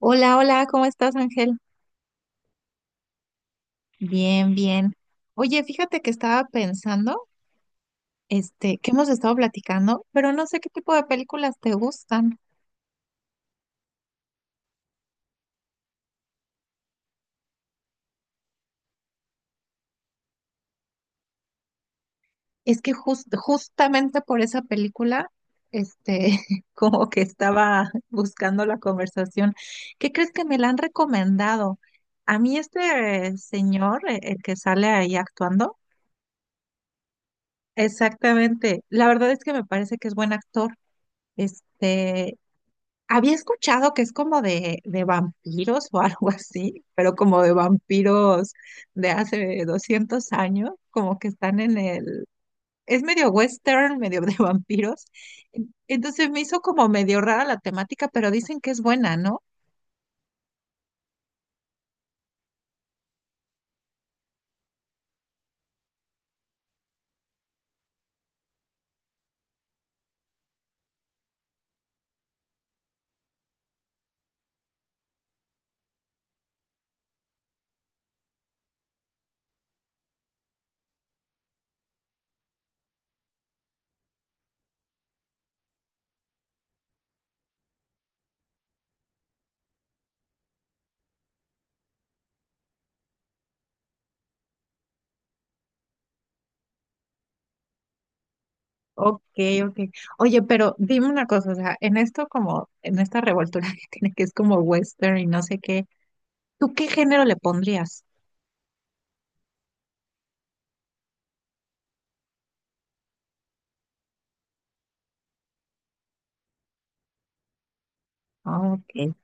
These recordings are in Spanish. Hola, hola, ¿cómo estás, Ángel? Bien, bien. Oye, fíjate que estaba pensando, que hemos estado platicando, pero no sé qué tipo de películas te gustan. Es que justamente por esa película, este, como que estaba buscando la conversación. ¿Qué crees que me la han recomendado? A mí señor, el que sale ahí actuando, exactamente. La verdad es que me parece que es buen actor. Este, Había escuchado que es como de vampiros o algo así, pero como de vampiros de hace 200 años, como que están en el... Es medio western, medio de vampiros. Entonces me hizo como medio rara la temática, pero dicen que es buena, ¿no? Ok, ok. Oye, pero dime una cosa, o sea, en esto como, en esta revoltura que tiene, que es como western y no sé qué, ¿tú qué género le pondrías? Ah, ok.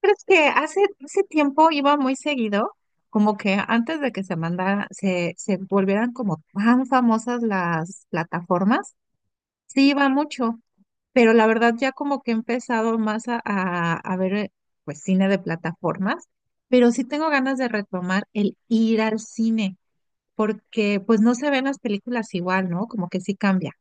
Crees que hace tiempo iba muy seguido, como que antes de que se mandara, se volvieran como tan famosas las plataformas, sí iba mucho, pero la verdad ya como que he empezado más a ver pues cine de plataformas, pero sí tengo ganas de retomar el ir al cine, porque pues no se ven las películas igual, ¿no? Como que sí cambia.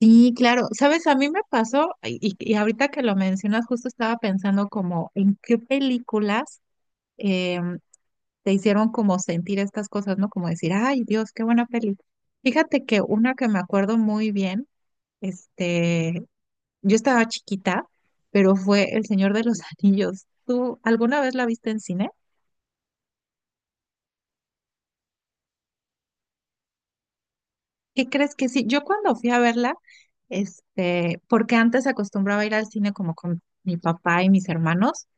Sí, claro. Sabes, a mí me pasó, y ahorita que lo mencionas, justo estaba pensando como en qué películas eh, te hicieron como sentir estas cosas, ¿no? Como decir, ay, Dios, qué buena peli. Fíjate que una que me acuerdo muy bien, este, yo estaba chiquita, pero fue El Señor de los Anillos. ¿Tú alguna vez la viste en cine? ¿Qué crees que sí? Yo cuando fui a verla, porque antes acostumbraba a ir al cine como con mi papá y mis hermanos,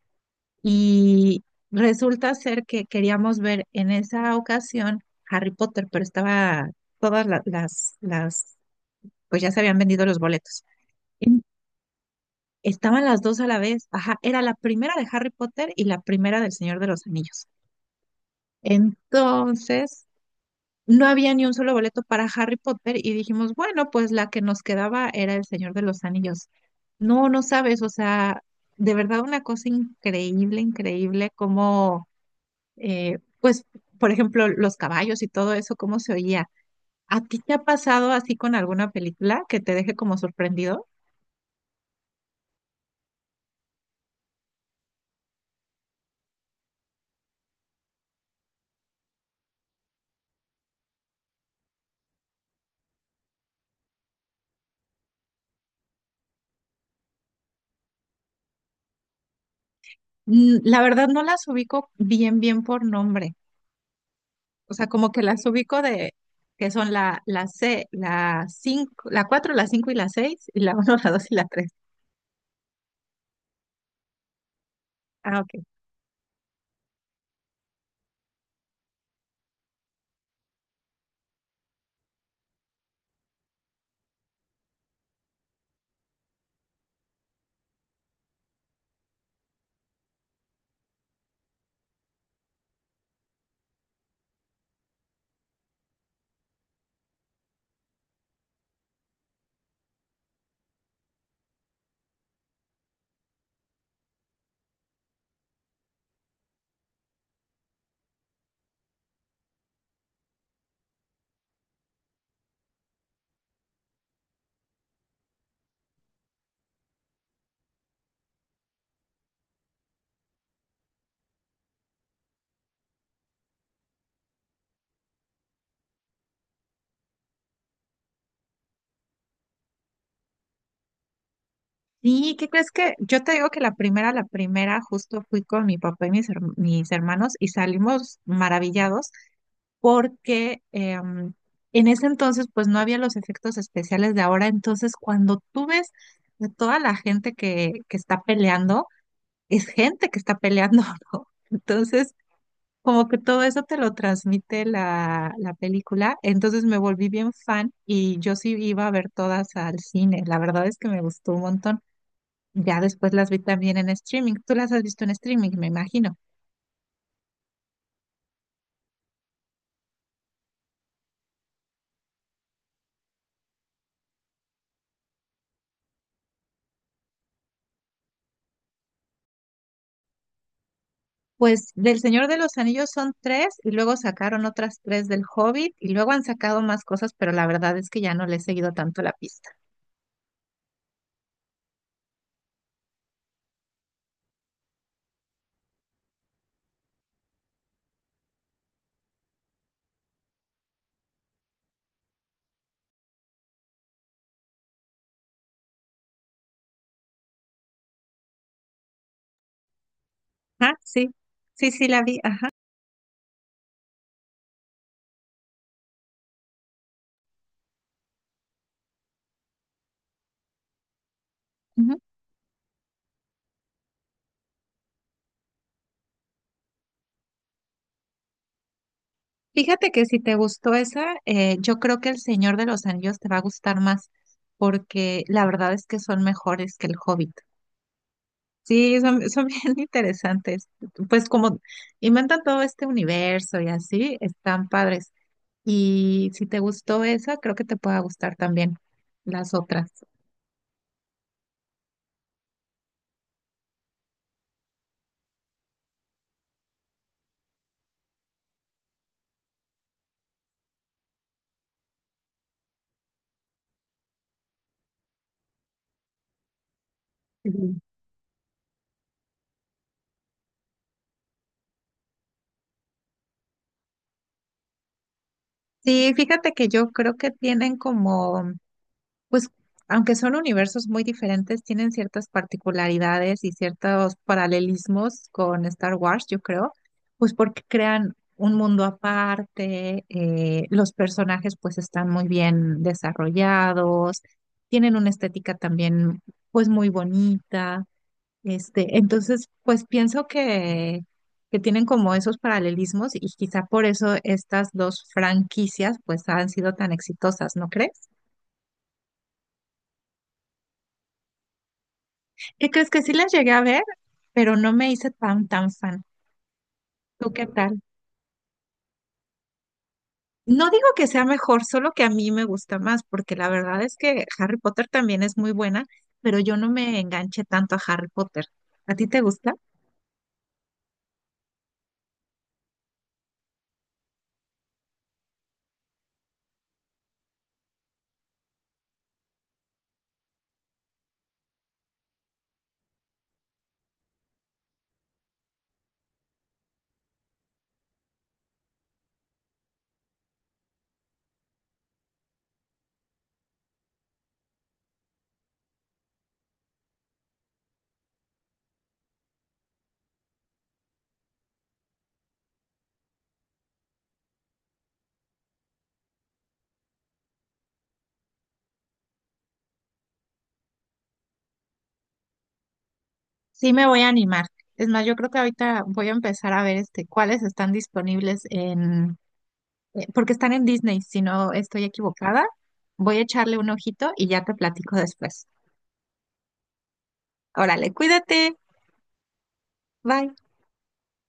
y resulta ser que queríamos ver en esa ocasión Harry Potter, pero estaba todas las pues ya se habían vendido los boletos. En- Estaban las dos a la vez. Ajá, era la primera de Harry Potter y la primera del Señor de los Anillos. Entonces, no había ni un solo boleto para Harry Potter y dijimos, bueno, pues la que nos quedaba era el Señor de los Anillos. No, no sabes, o sea, de verdad una cosa increíble, increíble, como, pues, por ejemplo, los caballos y todo eso, cómo se oía. ¿A ti te ha pasado así con alguna película que te deje como sorprendido? Mm, la verdad no las ubico bien, bien por nombre. O sea, como que las ubico de que son la C, la 5 la 4 la 5 y la 6 y la 1 la 2 y la 3. Ah, ok. ¿Y qué crees que? Yo te digo que la primera, justo fui con mi papá y mis hermanos y salimos maravillados porque en ese entonces pues no había los efectos especiales de ahora. Entonces, cuando tú ves a toda la gente que está peleando, es gente que está peleando, ¿no? Entonces, como que todo eso te lo transmite la película. Entonces me volví bien fan y yo sí iba a ver todas al cine. La verdad es que me gustó un montón. Ya después las vi también en streaming. Tú las has visto en streaming, me imagino. Pues del Señor de los Anillos son tres y luego sacaron otras tres del Hobbit y luego han sacado más cosas, pero la verdad es que ya no le he seguido tanto la pista. Ah, sí, sí, sí, la vi. Ajá. Fíjate que si te gustó esa, yo creo que El Señor de los Anillos te va a gustar más, porque la verdad es que son mejores que El Hobbit. Sí, son bien interesantes. Pues como inventan todo este universo y así, están padres. Y si te gustó esa, creo que te pueda gustar también las otras. Ujú. Sí, fíjate que yo creo que tienen como pues aunque son universos muy diferentes, tienen ciertas particularidades y ciertos paralelismos con Star Wars, yo creo, pues porque crean un mundo aparte, los personajes pues están muy bien desarrollados, tienen una estética también pues muy bonita, entonces pues pienso que tienen como esos paralelismos y quizá por eso estas dos franquicias pues han sido tan exitosas, ¿no crees? ¿Qué crees que sí las llegué a ver? Pero no me hice tan fan. ¿Tú qué tal? No digo que sea mejor, solo que a mí me gusta más, porque la verdad es que Harry Potter también es muy buena, pero yo no me enganché tanto a Harry Potter. ¿A ti te gusta? Sí, me voy a animar. Es más, yo creo que ahorita voy a empezar a ver cuáles están disponibles en, porque están en Disney, si no estoy equivocada. Voy a echarle un ojito y ya te platico después. Órale, cuídate. Bye.